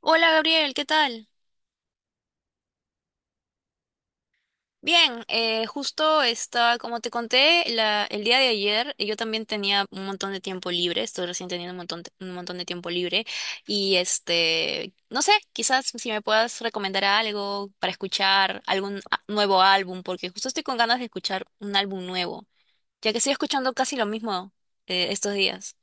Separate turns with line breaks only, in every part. Hola Gabriel, ¿qué tal? Bien, justo está, como te conté, el día de ayer yo también tenía un montón de tiempo libre, estoy recién teniendo un montón de tiempo libre y no sé, quizás si me puedas recomendar algo para escuchar nuevo álbum, porque justo estoy con ganas de escuchar un álbum nuevo, ya que estoy escuchando casi lo mismo estos días,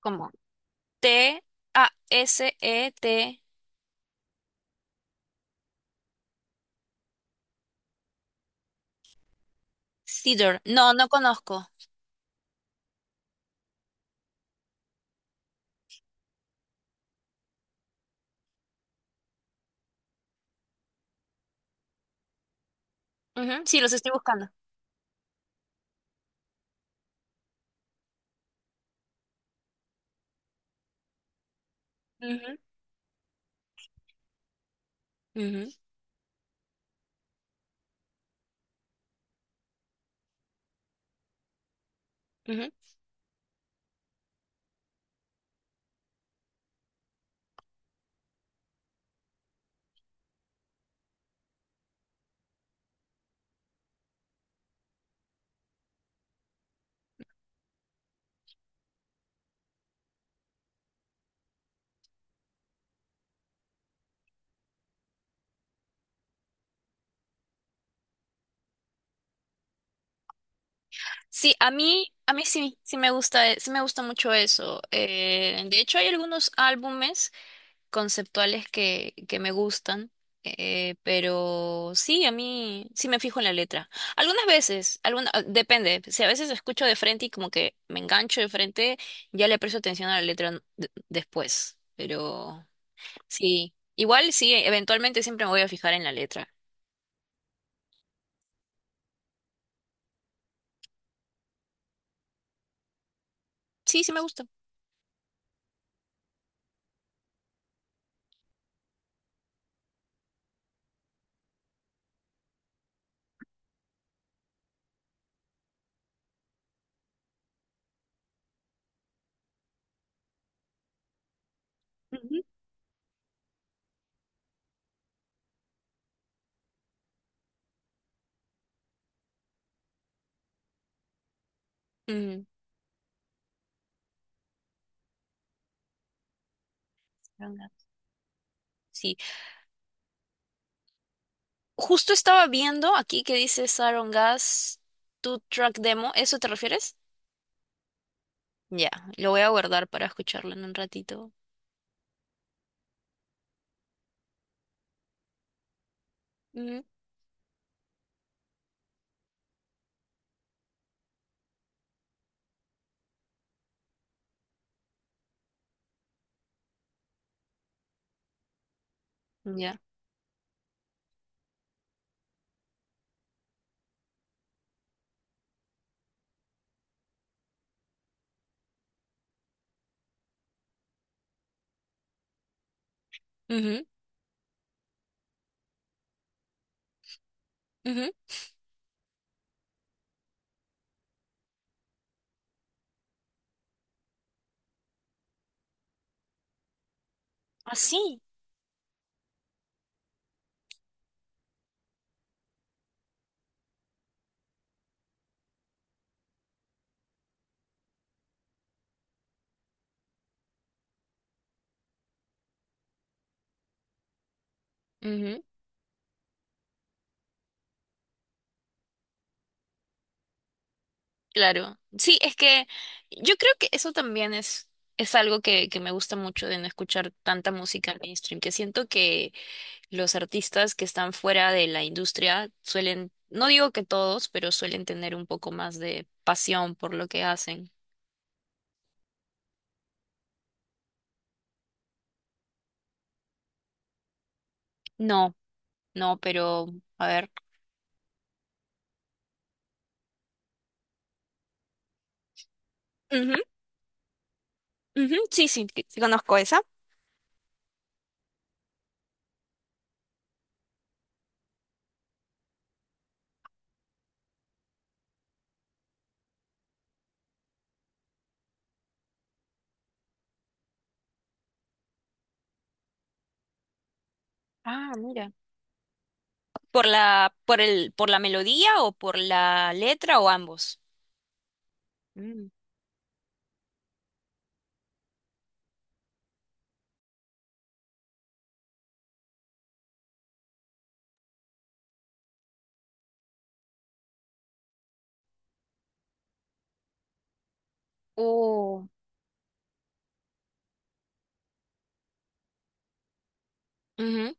como TASET, Cedar. No, no conozco. Ujú, sí, los estoy buscando. Ujú. Ujú. Ujú. Sí, a mí sí, sí me gusta mucho eso. De hecho, hay algunos álbumes conceptuales que me gustan, pero sí, a mí sí me fijo en la letra. Algunas veces, depende, si a veces escucho de frente y como que me engancho de frente, ya le presto atención a la después, pero sí, igual sí, eventualmente siempre me voy a fijar en la letra. Sí, sí me gusta. Ujú. Ujú. Venga. Sí. Justo estaba viendo aquí que dice Saron Gas, tu track demo. ¿Eso te refieres? Ya, lo voy a guardar para escucharlo en un ratito. Ujú. Ya. Ujú, ujú. Así. Ujú. Claro. Sí, es que yo creo que eso también es algo que me gusta mucho de no escuchar tanta música mainstream, que siento que los artistas que están fuera de la industria suelen, no digo que todos, pero suelen tener un poco más de pasión por lo que hacen. No. No, pero a ver. Ujú, ujú. Sí, sí, sí conozco esa. Ah, mira. ¿Por por la melodía o por la letra o ambos? Mm. Oh. Ujú,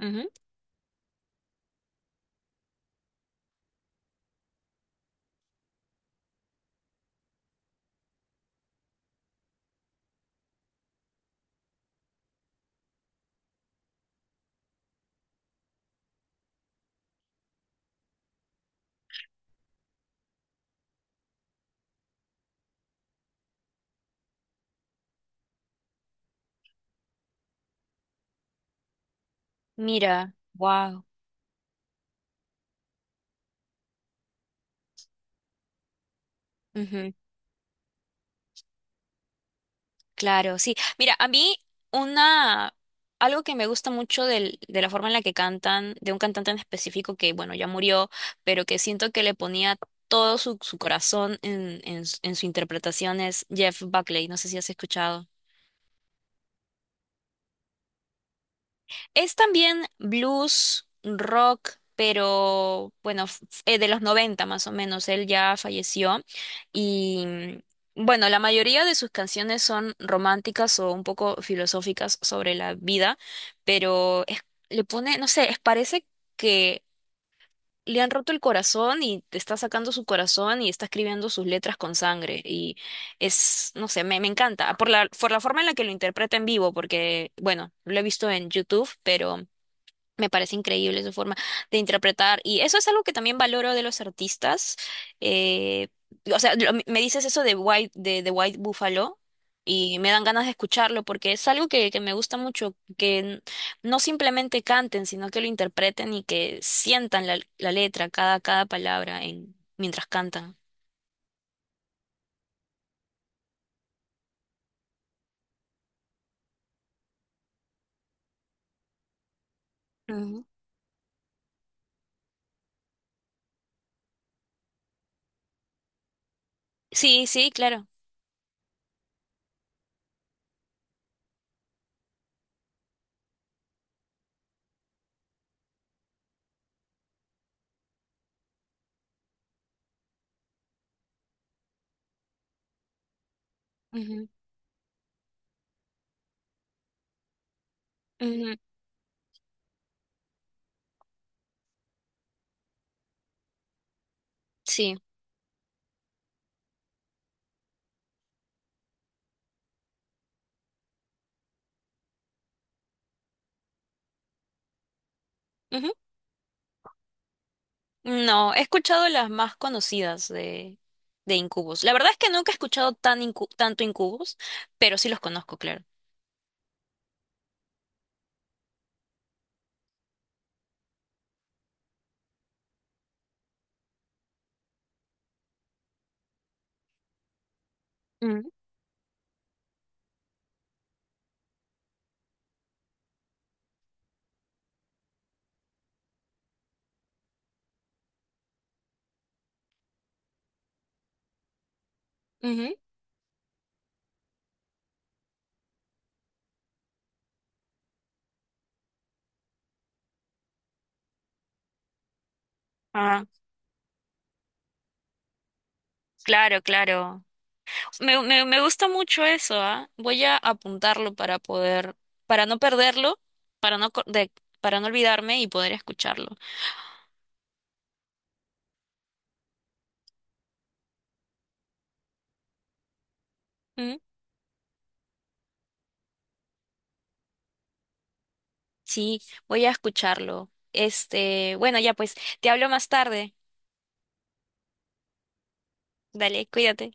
ujú. Mira. Wow. Ujú, claro, sí. Mira, a mí una algo que me gusta mucho de la forma en la que cantan, de un cantante en específico que, bueno, ya murió, pero que siento que le ponía todo su corazón en su interpretación es Jeff Buckley. No sé si has escuchado. Es también blues, rock, pero bueno, de los 90 más o menos. Él ya falleció y bueno, la mayoría de sus canciones son románticas o un poco filosóficas sobre la vida, pero le pone, no sé, parece que le han roto el corazón y te está sacando su corazón y está escribiendo sus letras con sangre y es, no sé, me encanta por por la forma en la que lo interpreta en vivo, porque bueno, lo he visto en YouTube, pero... Me parece increíble su forma de interpretar y eso es algo que también valoro de los artistas. Eh, o sea, me dices eso de de White Buffalo y me dan ganas de escucharlo porque es algo que me gusta mucho, no simplemente canten, sino que lo interpreten y que sientan la letra, cada palabra en, mientras cantan. Ujú. Sí, sí, claro. Ujú, ujú, sí. Ujú. No, he escuchado las más conocidas de Incubus. La verdad es que nunca he tanto Incubus, pero sí los conozco, claro. Mm, ujú. Ah, claro, claro. Me gusta mucho eso, ¿ah? Voy a apuntarlo para poder, para no perderlo, para no, co- de- para no olvidarme y poder escucharlo. Mm. Sí, voy a escucharlo. Este, bueno, ya pues, te hablo más tarde. Dale, cuídate.